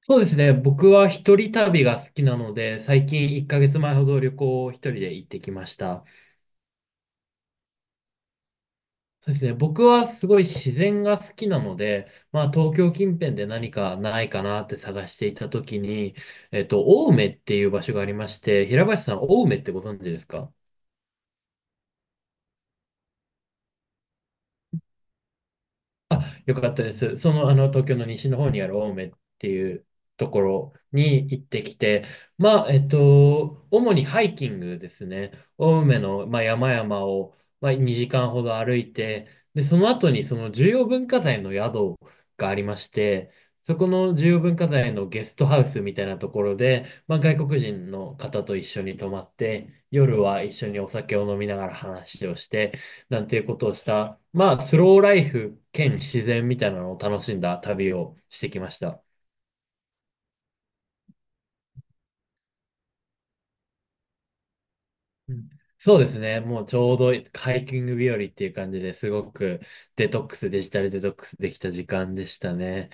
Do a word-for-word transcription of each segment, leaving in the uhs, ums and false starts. そうですね。僕は一人旅が好きなので、最近いっかげつまえほど旅行を一人で行ってきました。そうですね。僕はすごい自然が好きなので、まあ東京近辺で何かないかなって探していたときに、えっと、青梅っていう場所がありまして、平林さん、青梅ってご存知ですか？あ、よかったです。その、あの、東京の西の方にある青梅っていうところに行ってきて、まあ、えっと、主にハイキングですね。青梅の、まあ、山々を、まあ、にじかんほど歩いて、で、その後にその重要文化財の宿がありまして、そこの重要文化財のゲストハウスみたいなところで、まあ、外国人の方と一緒に泊まって、夜は一緒にお酒を飲みながら話をして、なんていうことをした、まあ、スローライフ兼自然みたいなのを楽しんだ旅をしてきました。うん。そうですね。もうちょうどハイキング日和っていう感じですごくデトックス、デジタルデトックスできた時間でしたね。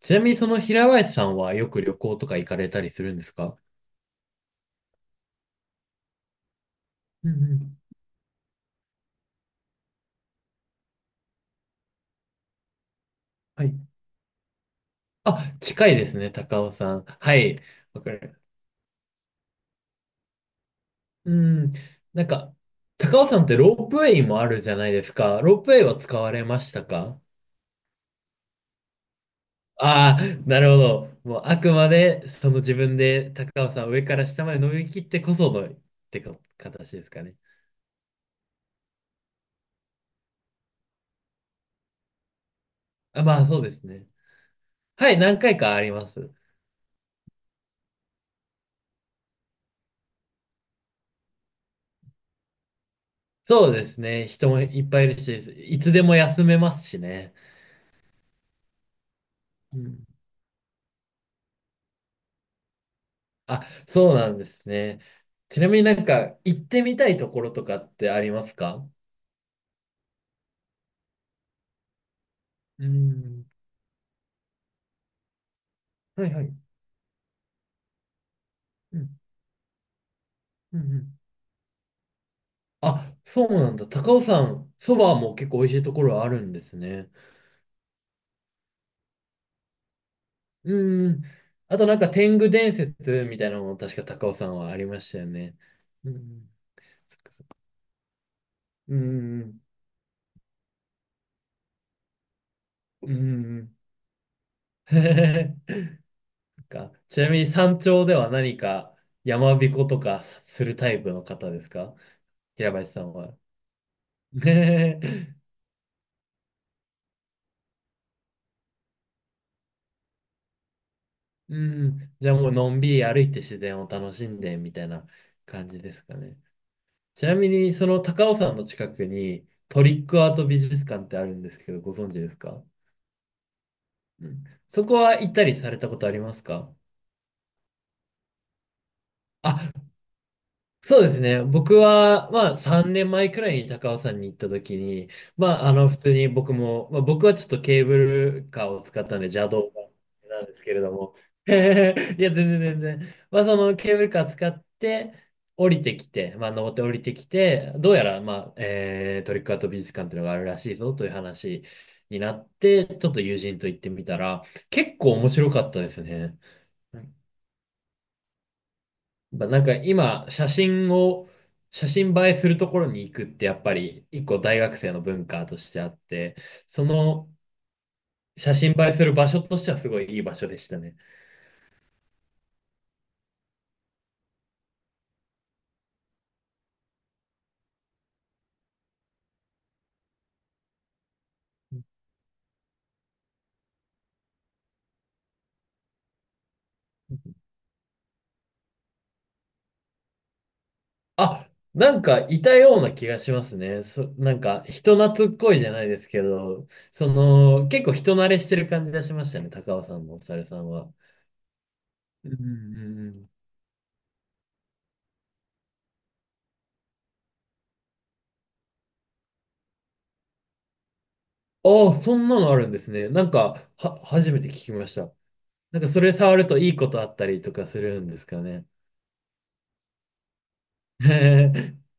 ちなみにその平林さんはよく旅行とか行かれたりするんですか？うん。うん。はい。あ、近いですね、高尾さん。はい。わかる。うん。なんか、高尾さんってロープウェイもあるじゃないですか。ロープウェイは使われましたか？ああ、なるほど。もうあくまでその自分で高尾さん上から下まで伸びきってこそのってか形ですかね。あ、まあそうですね。はい、何回かあります。そうですね。人もいっぱいいるし、いつでも休めますしね。うん。あ、そうなんですね。ちなみになんか行ってみたいところとかってありますか？うん。はい。はい。うん。うん。うん。あ、そうなんだ。高尾さん、そばも結構美味しいところあるんですね。うん。あとなんか天狗伝説みたいなのも確か高尾さんはありましたよね。うん。そっかそっか。うん。うん。か、ちなみに山頂では何か山彦とかするタイプの方ですか、平林さんは？ねえ。うん。じゃあもうのんびり歩いて自然を楽しんでみたいな感じですかね。ちなみにその高尾山の近くにトリックアート美術館ってあるんですけど、ご存知ですか？うん。そこは行ったりされたことありますか？あ、そうですね。僕は、まあ、さんねんまえくらいに高尾山に行った時に、まあ、あの、普通に僕も、まあ、僕はちょっとケーブルカーを使ったんで邪道なんですけれども、いや、全然全然。まあ、そのケーブルカー使って、降りてきて、まあ、登って降りてきて、どうやら、まあ、えートリックアート美術館っていうのがあるらしいぞという話になって、ちょっと友人と行ってみたら、結構面白かったですね。まあなんか今、写真を、写真映えするところに行くってやっぱり一個大学生の文化としてあって、その写真映えする場所としてはすごいいい場所でしたね。あ、なんかいたような気がしますね。そ、なんか人懐っこいじゃないですけど、その結構人慣れしてる感じがしましたね、高尾さんもおさるさんは。うん。うん。うん。ああ、そんなのあるんですね。なんか、は、初めて聞きました。なんかそれ触るといいことあったりとかするんですかね。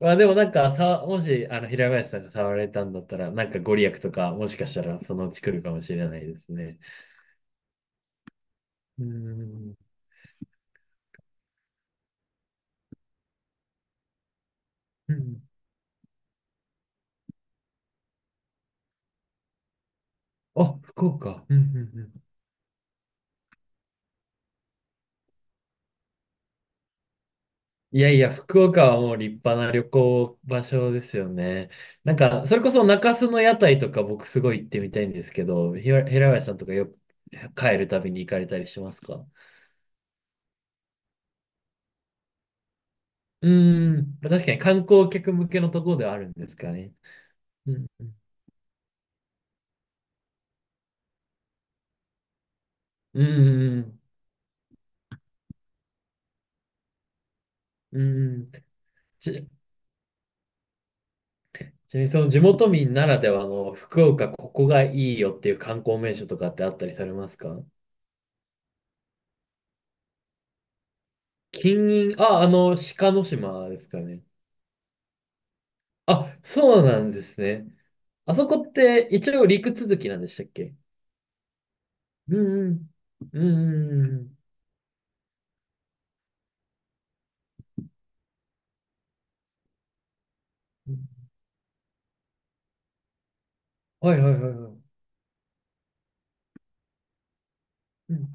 まあでもなんかさ、もしあの平林さんが触られたんだったら、なんかご利益とかもしかしたらそのうち来るかもしれないですね。うん。うん。あ、福岡。うん。うん。うん。いやいや、福岡はもう立派な旅行場所ですよね。なんか、それこそ中洲の屋台とか僕すごい行ってみたいんですけど、ひら平林さんとかよく帰るたびに行かれたりしますか？うーん、確かに観光客向けのところではあるんですかね。うん、うん、うん、うん。ち、ちなみにその地元民ならではの福岡ここがいいよっていう観光名所とかってあったりされますか？金銀、あ、あの、鹿の島ですかね。あ、そうなんですね。あそこって一応陸続きなんでしたっけ？うん。うん。うん。うん。うん。うん。はい。はい。はい。はい。うん。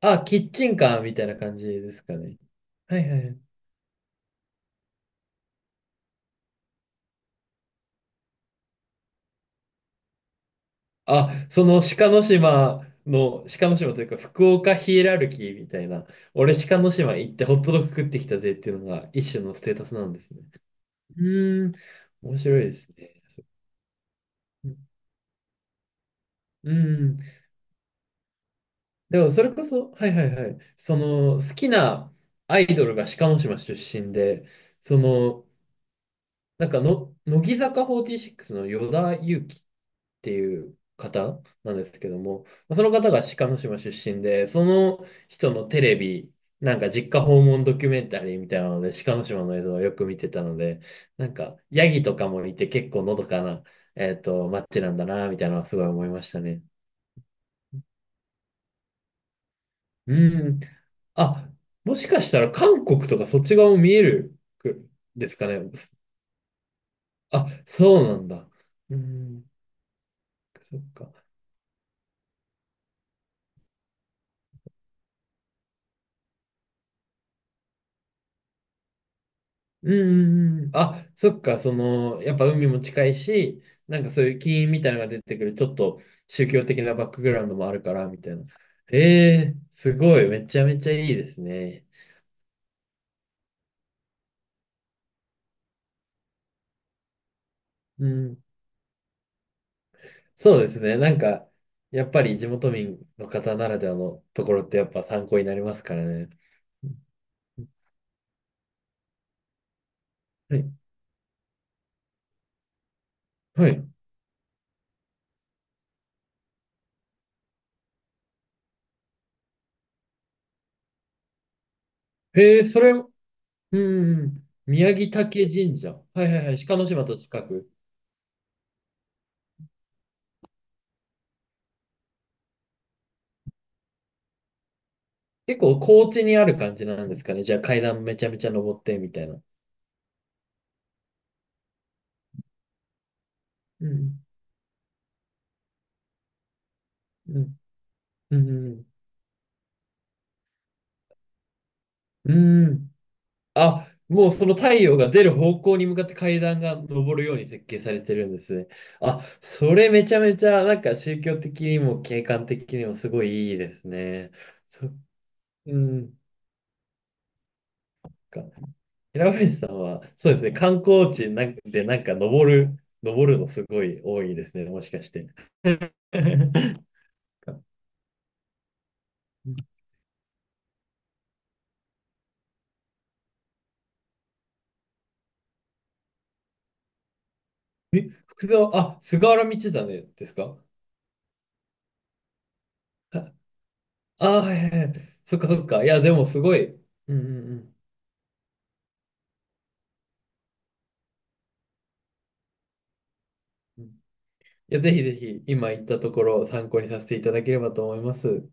あ、キッチンカーみたいな感じですかね。はい。はい。はい。あ、その鹿の島の、鹿の島というか福岡ヒエラルキーみたいな、俺鹿の島行ってホットドッグ食ってきたぜっていうのが一種のステータスなんですね。うーん、面白いですね。そうん。でもそれこそ、はい。はい。はい。その好きなアイドルが鹿の島出身で、その、なんかの、乃木坂フォーティーシックスの与田祐希っていう方なんですけども、まあその方が鹿の島出身で、その人のテレビ、なんか実家訪問ドキュメンタリーみたいなので、鹿の島の映像をよく見てたので、なんかヤギとかもいて結構のどかな、えっと、街なんだな、みたいなのはすごい思いましたね。うん。あ、もしかしたら韓国とかそっち側も見えるくですかね？あ、そうなんだ。うん、そっか。うん。うん。うん。あ、そっか、その、やっぱ海も近いし、なんかそういう金みたいなのが出てくる、ちょっと宗教的なバックグラウンドもあるから、みたいな。ええすごい、めちゃめちゃいいですね。うん。そうですね、なんか、やっぱり地元民の方ならではのところってやっぱ参考になりますからね。はい。はい。へえ、それ、うん。うん。宮城竹神社。はい。はい。はい。鹿の島と近く。結構高地にある感じなんですかね。じゃあ階段めちゃめちゃ登ってみたいな。うん、うん、うん、うん。うん。あ、もうその太陽が出る方向に向かって階段が登るように設計されてるんですね。あ、それめちゃめちゃなんか宗教的にも景観的にもすごいいいですね。そ、うん。か平林さんは、そうですね、観光地なんかでなんか登る、登る、のすごい多いですね、もしかして。え、福沢、あ、菅原道真ですか？あ あー、はい。はい。はい。そっかそっか。いや、でもすごい。うん。うん。うん。いや、ぜひぜひ、今言ったところを参考にさせていただければと思います。